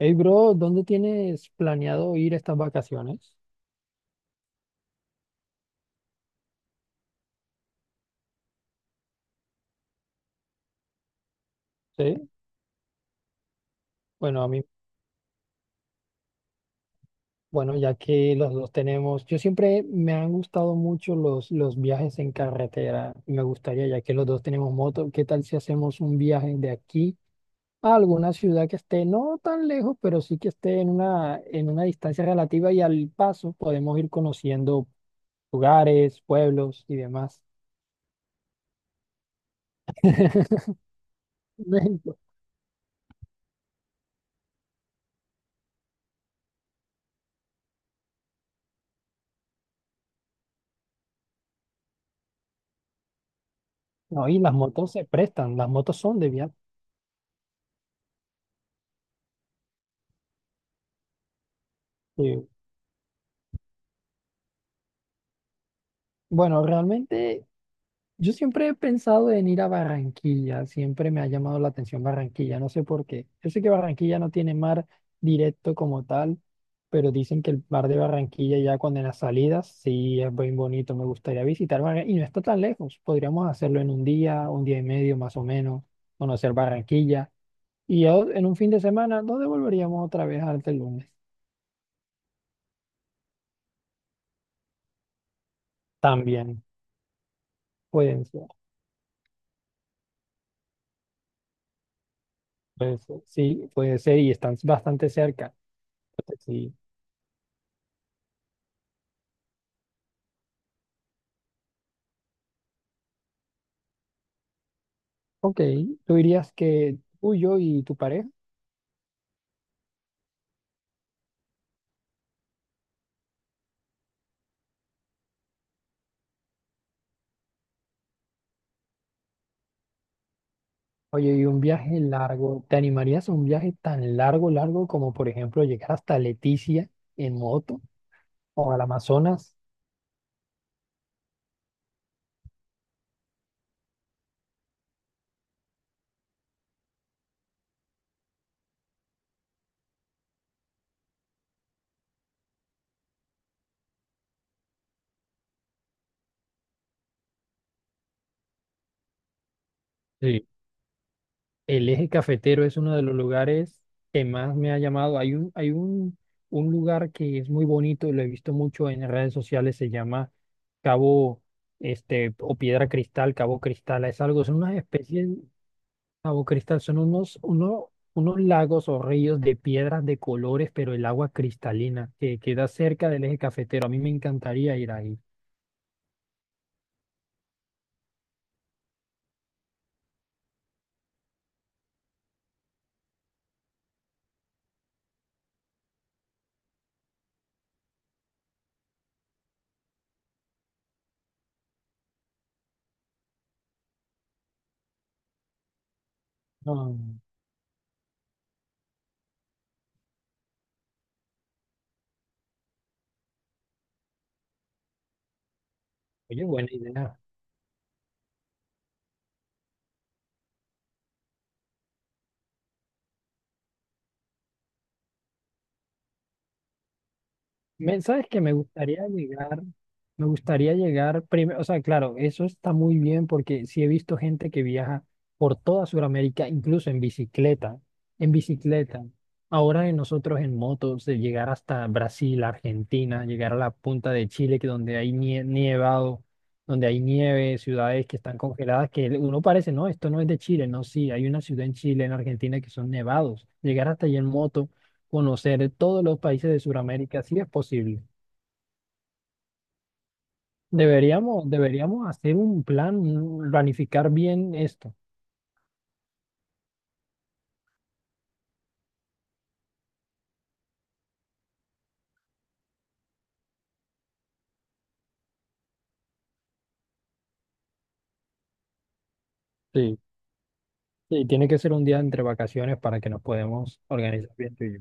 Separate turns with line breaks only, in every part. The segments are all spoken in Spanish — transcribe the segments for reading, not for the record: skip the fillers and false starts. Hey, bro, ¿dónde tienes planeado ir estas vacaciones? Sí, bueno, a mí, bueno, ya que los dos tenemos, yo siempre me han gustado mucho los viajes en carretera. Me gustaría, ya que los dos tenemos moto, ¿qué tal si hacemos un viaje de aquí a alguna ciudad que esté no tan lejos, pero sí que esté en una distancia relativa y al paso podemos ir conociendo lugares, pueblos y demás? No, y las motos se prestan, las motos son de viaje. Sí. Bueno, realmente yo siempre he pensado en ir a Barranquilla, siempre me ha llamado la atención Barranquilla, no sé por qué. Yo sé que Barranquilla no tiene mar directo como tal, pero dicen que el mar de Barranquilla ya cuando en las salidas sí es bien bonito, me gustaría visitar Barranquilla y no está tan lejos, podríamos hacerlo en un día y medio más o menos, conocer Barranquilla y ya en un fin de semana nos devolveríamos otra vez hasta el lunes. También pueden ser, puede ser, sí, puede ser y están bastante cerca. Sí. Ok, tú dirías que tú, yo y tu pareja. Oye, y un viaje largo, ¿te animarías a un viaje tan largo, largo como por ejemplo llegar hasta Leticia en moto o al Amazonas? Sí. El eje cafetero es uno de los lugares que más me ha llamado. Hay un lugar que es muy bonito, lo he visto mucho en redes sociales, se llama Cabo, este, o Piedra Cristal, Cabo Cristal. Es algo, son unas especies. Cabo Cristal son unos lagos o ríos de piedras de colores, pero el agua cristalina que queda cerca del eje cafetero. A mí me encantaría ir ahí. Ah, oye, buena idea. Sabes que me gustaría llegar primero, o sea, claro, eso está muy bien porque sí he visto gente que viaja por toda Sudamérica, incluso en bicicleta, en bicicleta. Ahora en nosotros en motos, de llegar hasta Brasil, Argentina, llegar a la punta de Chile, que donde hay nievado, donde hay nieve, ciudades que están congeladas, que uno parece, no, esto no es de Chile, no, sí, hay una ciudad en Chile, en Argentina, que son nevados. Llegar hasta allí en moto, conocer todos los países de Sudamérica, si es posible. Deberíamos hacer un plan, planificar bien esto. Sí, sí, tiene que ser un día entre vacaciones para que nos podamos organizar bien tú y yo.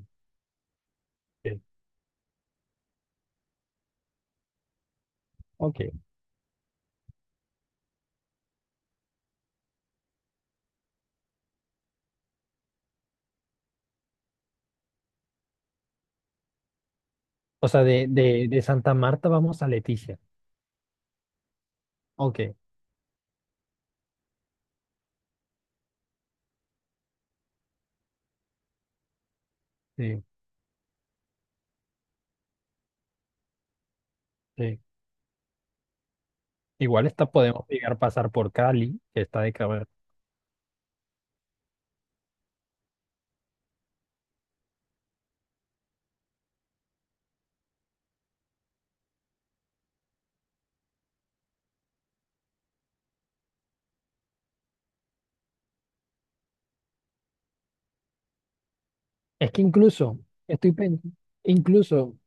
Sí. Ok. O sea, de Santa Marta vamos a Leticia. Ok, sí, sí. Igual esta podemos llegar a pasar por Cali, que está de cabeza. Es que incluso, estoy pensando, incluso.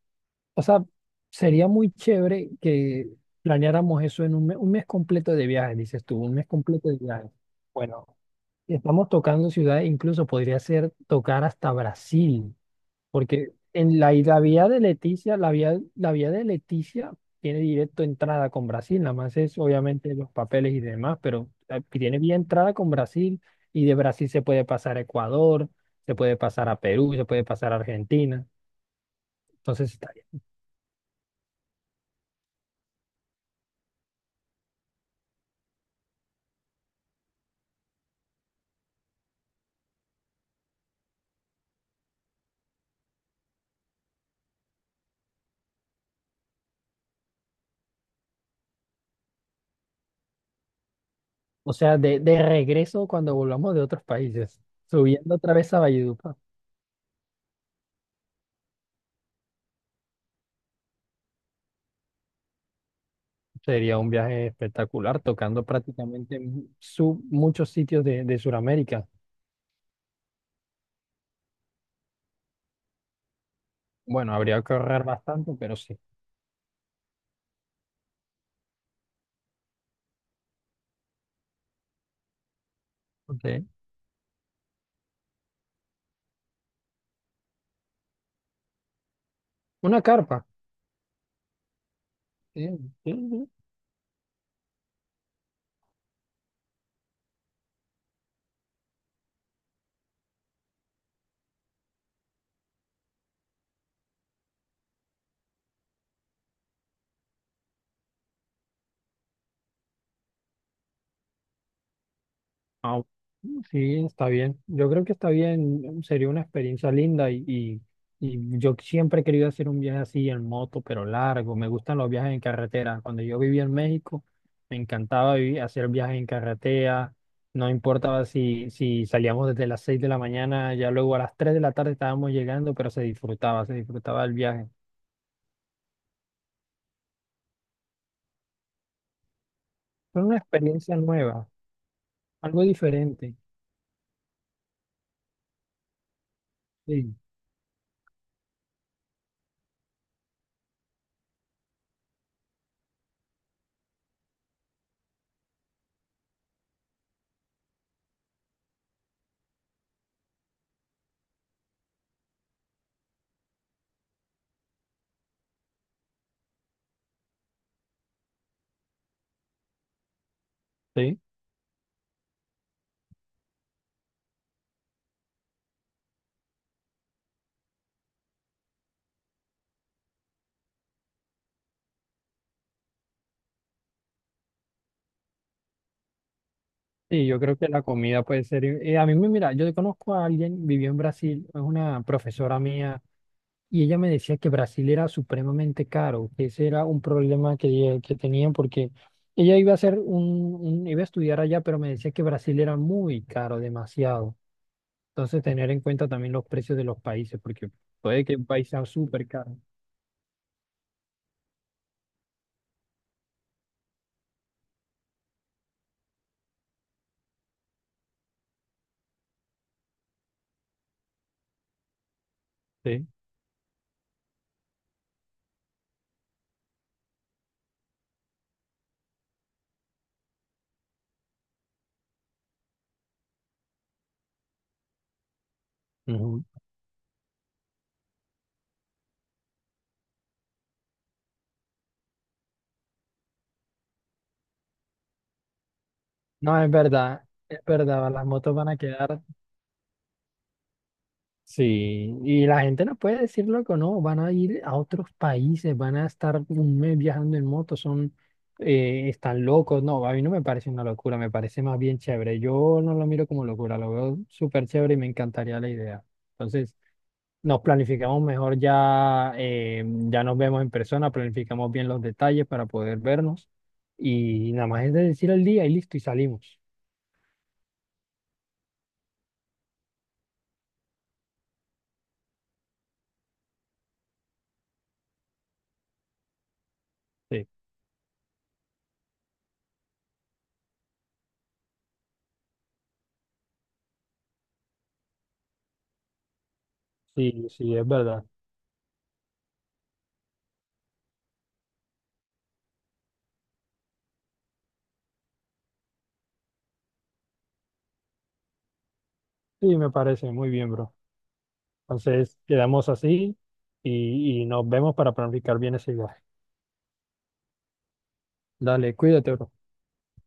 O sea, sería muy chévere que planeáramos eso en un mes completo de viajes, dices tú, un mes completo de viajes. Bueno, estamos tocando ciudades, incluso podría ser tocar hasta Brasil, porque y la vía de Leticia, la vía de Leticia tiene directo entrada con Brasil, nada más es obviamente los papeles y demás, pero tiene vía entrada con Brasil y de Brasil se puede pasar a Ecuador, se puede pasar a Perú, se puede pasar a Argentina. Entonces, o sea, de regreso cuando volvamos de otros países, subiendo otra vez a Valledupar, sería un viaje espectacular, tocando prácticamente muchos sitios de Sudamérica. Bueno, habría que ahorrar bastante, pero sí. Ok. Una carpa. Sí, sí. Ah, bueno, sí, está bien. Yo creo que está bien. Sería una experiencia linda y yo siempre he querido hacer un viaje así en moto, pero largo. Me gustan los viajes en carretera. Cuando yo vivía en México, me encantaba hacer viajes en carretera. No importaba si salíamos desde las 6 de la mañana, ya luego a las 3 de la tarde estábamos llegando, pero se disfrutaba el viaje. Fue una experiencia nueva, algo diferente. Sí, sí. Sí, yo creo que la comida puede ser. A mí me mira, yo conozco a alguien, vivió en Brasil, es una profesora mía, y ella me decía que Brasil era supremamente caro, que ese era un problema que, que tenían, porque ella iba a hacer iba a estudiar allá, pero me decía que Brasil era muy caro, demasiado. Entonces, tener en cuenta también los precios de los países, porque puede que un país sea súper caro. Sí. Ujú. No, es verdad, las motos van a quedar. Sí, y la gente no puede decir loco, no, van a ir a otros países, van a estar un mes viajando en moto, están locos. No, a mí no me parece una locura, me parece más bien chévere. Yo no lo miro como locura, lo veo súper chévere y me encantaría la idea. Entonces, nos planificamos mejor ya, ya nos vemos en persona, planificamos bien los detalles para poder vernos y nada más es de decir el día y listo y salimos. Sí, sí, sí, es verdad. Sí, me parece muy bien, bro. Entonces, quedamos así y nos vemos para planificar bien ese viaje. Dale, cuídate, bro.